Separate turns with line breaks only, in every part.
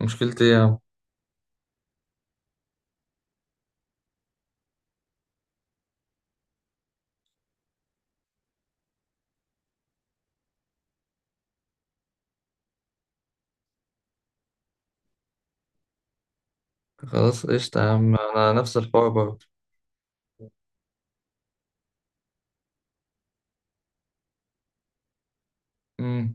مشكلتي إيه يا عم؟ خلاص قشطة يا عم، أنا نفس الحوار برضه. أمم.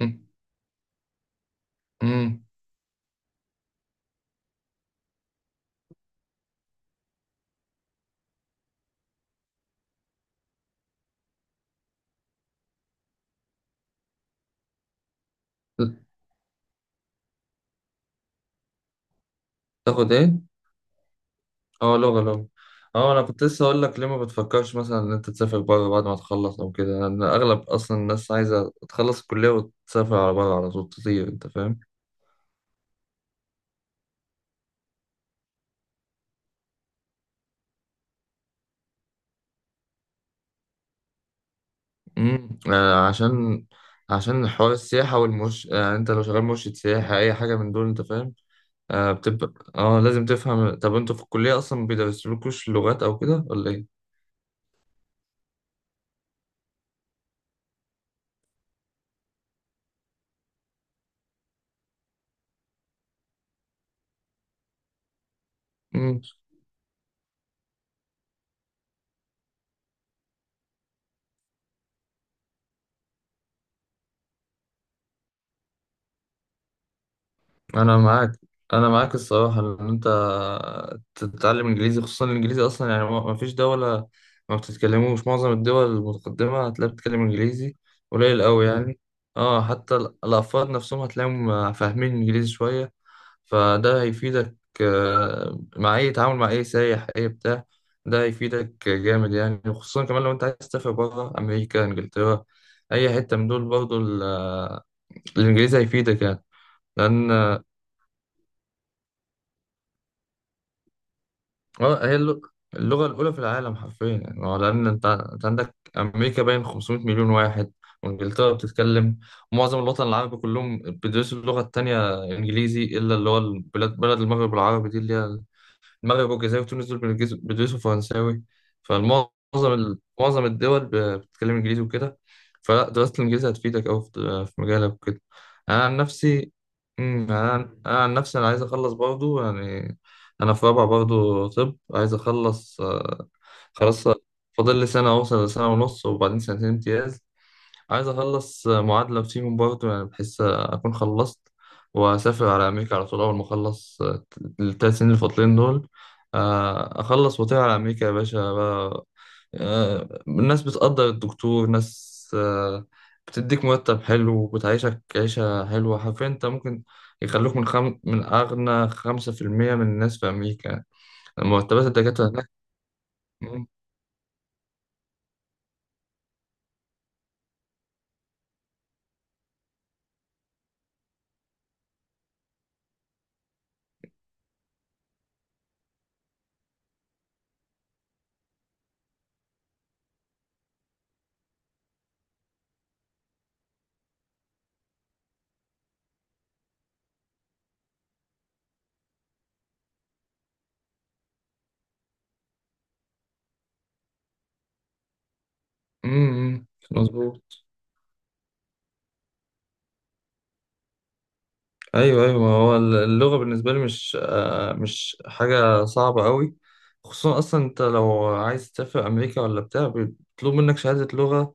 أمم. أمم. تاخد إيه؟ أه، لغة لغة. أه، أنا كنت لسه هقول لك ليه ما بتفكرش مثلا إن أنت تسافر بره بعد ما تخلص أو كده، لأن أغلب أصلا الناس عايزة تخلص الكلية وتسافر على بره على طول تطير. أنت فاهم؟ أمم، آه، عشان حوار السياحة والمرش، يعني أنت لو شغال مرشد سياحة أي حاجة من دول. أنت فاهم؟ آه بتبقى اه لازم تفهم، طب انتوا في الكلية اصلا ما بيدرسولكوش لغات او كده ولا ايه؟ انا معاك انا معاك، الصراحه ان انت تتعلم انجليزي، خصوصا الانجليزي اصلا، يعني ما فيش دوله ما بتتكلموش، معظم الدول المتقدمه هتلاقي بتتكلم انجليزي، قليل قوي يعني. اه، حتى الافراد نفسهم هتلاقيهم فاهمين انجليزي شويه، فده هيفيدك مع اي تعامل، مع اي سايح اي بتاع. ده هيفيدك جامد يعني، خصوصا كمان لو انت عايز تسافر بره، امريكا، انجلترا، اي حته من دول، برضه الانجليزي هيفيدك يعني. لان اه هي اللغة، اللغة الأولى في العالم حرفيا يعني. هو لأن أنت عندك أمريكا باين 500 مليون واحد، وإنجلترا بتتكلم، ومعظم الوطن العربي كلهم بيدرسوا اللغة التانية إنجليزي، إلا اللي هو البلاد، بلد المغرب العربي دي، اللي هي المغرب والجزائر وتونس، دول بيدرسوا فرنساوي. فالمعظم معظم الدول بتتكلم انجليزي وكده، فلا دراسة الانجليزي هتفيدك أوي في مجالك وكده، أنا عن نفسي أمم، أنا عن أنا عن نفسي، أنا عايز أخلص برضو يعني، أنا في رابعة برضو، طب عايز أخلص. خلاص، فاضل لي سنة، أوصل لسنة ونص وبعدين سنتين امتياز، عايز اخلص معادله فيهم برضه، يعني بحس اكون خلصت واسافر على امريكا على طول اول ما اخلص 3 سنين الفاضلين دول. اخلص واطير على امريكا يا باشا بقى. الناس بتقدر الدكتور، ناس بتديك مرتب حلو وبتعيشك عيشة حلوة حرفيا، انت ممكن يخلوك من أغنى 5% من الناس في أمريكا، مرتبات الدكاترة هناك. مم. مم. مم. مظبوط. ايوه، ايوه، ما هو اللغه بالنسبه لي مش حاجه صعبه قوي، خصوصا اصلا انت لو عايز تسافر امريكا ولا بتاع، بيطلب منك شهاده لغه.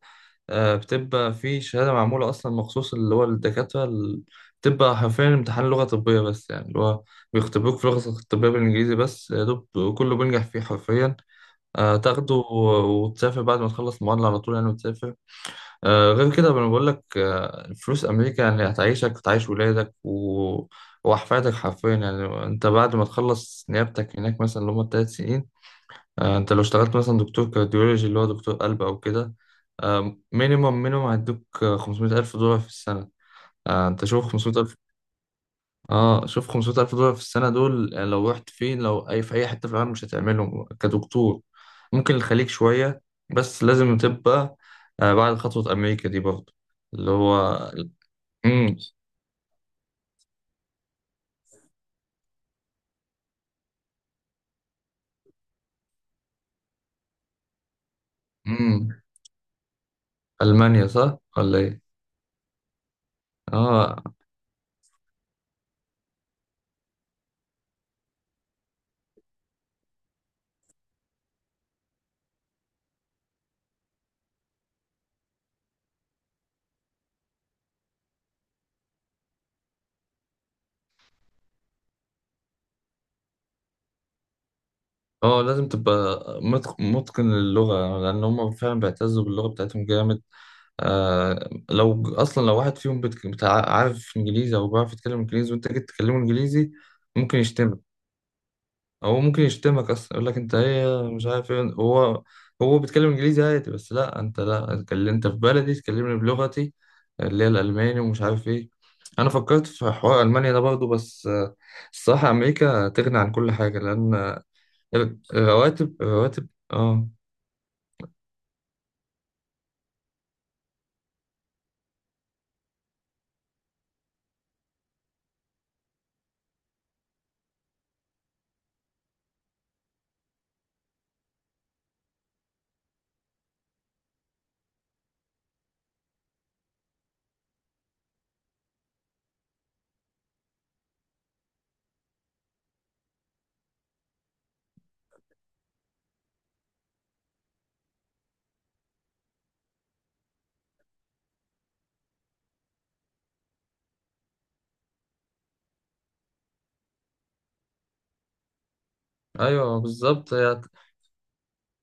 بتبقى في شهاده معموله اصلا مخصوص، اللي هو الدكاتره بتبقى حرفيا امتحان لغه طبيه بس، يعني اللي هو بيختبروك في اللغه الطبيه بالانجليزي بس، يا دوب كله بينجح فيه حرفيا. تاخده وتسافر بعد ما تخلص المعادله على طول يعني وتسافر. غير كده انا بقول لك، الفلوس امريكا يعني هتعيشك وتعيش ولادك واحفادك حرفيا يعني. انت بعد ما تخلص نيابتك هناك مثلا، اللي هم 3 سنين، انت لو اشتغلت مثلا دكتور كارديولوجي، اللي هو دكتور قلب او كده، مينيمم مينيمم هيدوك 500,000 دولار في السنه. انت شوف 500,000، اه شوف 500,000 دولار في السنة دول، يعني لو رحت فين، لو أي في أي حتة في العالم مش هتعملهم كدكتور، ممكن الخليج شوية، بس لازم تبقى بعد خطوة أمريكا دي برضه، اللي هو. مم. مم. ألمانيا صح ولا إيه؟ اه، اه، لازم تبقى متقن للغة، لأن هم فعلا بيعتزوا باللغة بتاعتهم جامد. آه، لو أصلا لو واحد فيهم عارف إنجليزي أو بيعرف يتكلم إنجليزي، وأنت جيت تكلمه إنجليزي، ممكن يشتم هو ممكن يشتمك اصلا، يقول لك انت ايه مش عارف ايه. هو بيتكلم انجليزي عادي، بس لا، انت لا، اتكلم انت في بلدي تكلمني بلغتي اللي هي الالماني ومش عارف ايه. انا فكرت في حوار المانيا ده برضه، بس الصراحه امريكا تغني عن كل حاجه، لان الرواتب، الرواتب. اه، ايوه، بالظبط. هي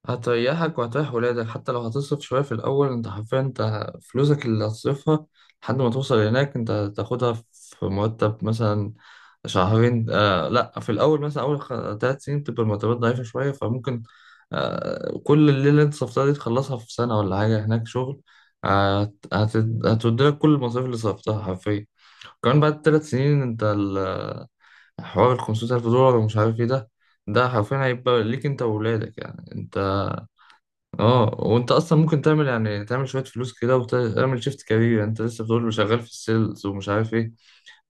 هتريحك وهتريح ولادك، حتى لو هتصرف شوية في الأول. أنت حرفيا، أنت فلوسك اللي هتصرفها لحد ما توصل هناك، أنت هتاخدها في مرتب مثلا شهرين. لأ، في الأول مثلا أول 3 سنين بتبقى المرتبات ضعيفة شوية، فممكن كل الليلة اللي أنت صرفتها دي تخلصها في سنة ولا حاجة هناك شغل. هتودلك كل المصاريف اللي صرفتها حرفيا. كمان بعد 3 سنين أنت حوار 500,000 دولار ومش عارف إيه، ده ده حرفيا هيبقى ليك أنت وولادك يعني أنت. اه، وانت اصلا ممكن تعمل، يعني تعمل شويه فلوس كده وتعمل شيفت كارير، انت لسه بتقول له شغال في السيلز ومش عارف ايه،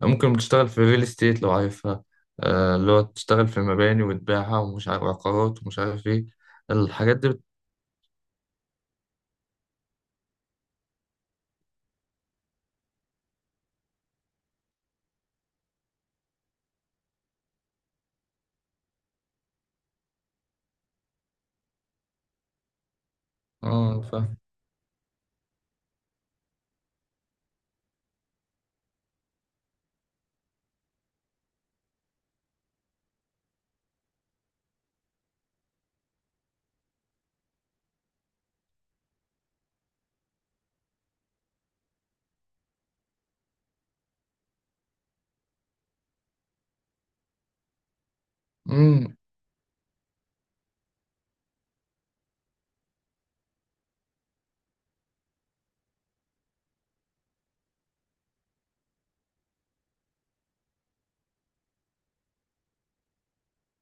ممكن تشتغل في الريل استيت لو عارفها. اللي هو تشتغل في مباني وتبيعها ومش عارف عقارات ومش عارف ايه، الحاجات دي. اه، فاهم.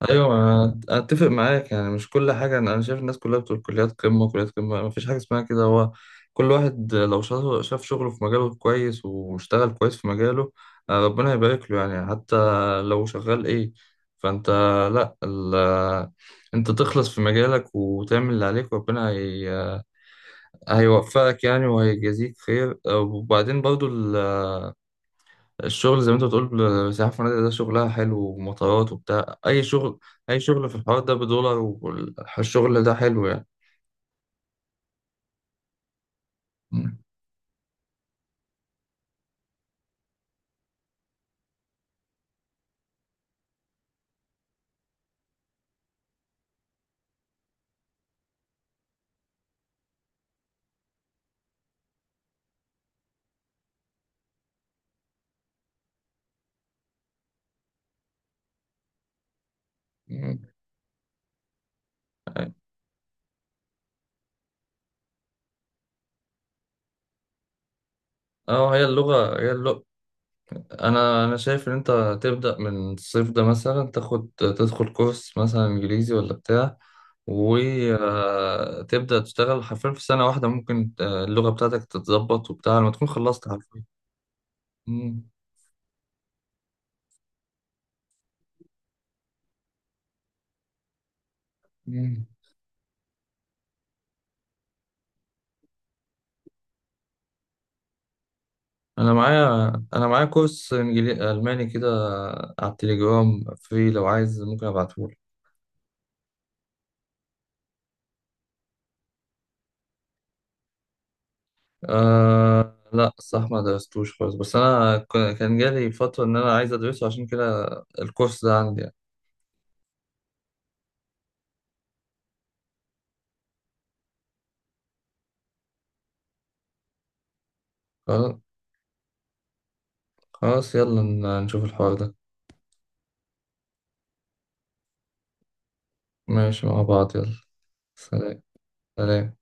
ايوه، انا اتفق معاك، يعني مش كل حاجه، أنا شايف الناس كلها بتقول كليات قمه كليات قمه، ما فيش حاجه اسمها كده. هو كل واحد لو شاف شغله في مجاله كويس واشتغل كويس في مجاله، ربنا يبارك له يعني، حتى لو شغال ايه. فانت لا ال... انت تخلص في مجالك وتعمل اللي عليك، وربنا هيوفقك يعني، وهيجازيك خير. وبعدين برضو، الشغل زي ما انت بتقول، سياحة، في فنادق ده شغلها حلو، ومطارات وبتاع، أي شغل، أي شغل في الحوار ده بدولار والشغل ده حلو يعني. مم. مم. اه، هي اللغة، هي اللغة. أنا شايف إن أنت تبدأ من الصيف ده مثلا، تاخد تدخل كورس مثلا إنجليزي ولا بتاع، وتبدأ تشتغل حرفيا، في سنة واحدة ممكن اللغة بتاعتك تتظبط وبتاع لما تكون خلصت حرفيا. مم. مم. انا معايا انا معايا كورس انجليزي الماني كده على التليجرام فري، لو عايز ممكن ابعتهولك. أه لا، صح، ما درستوش خالص، بس انا كان جالي فترة ان انا عايز ادرسه، عشان كده الكورس ده عندي يعني. خلاص. خلاص، يلا نشوف الحوار ده. ماشي، مع بعض يلا. سلام. سلام.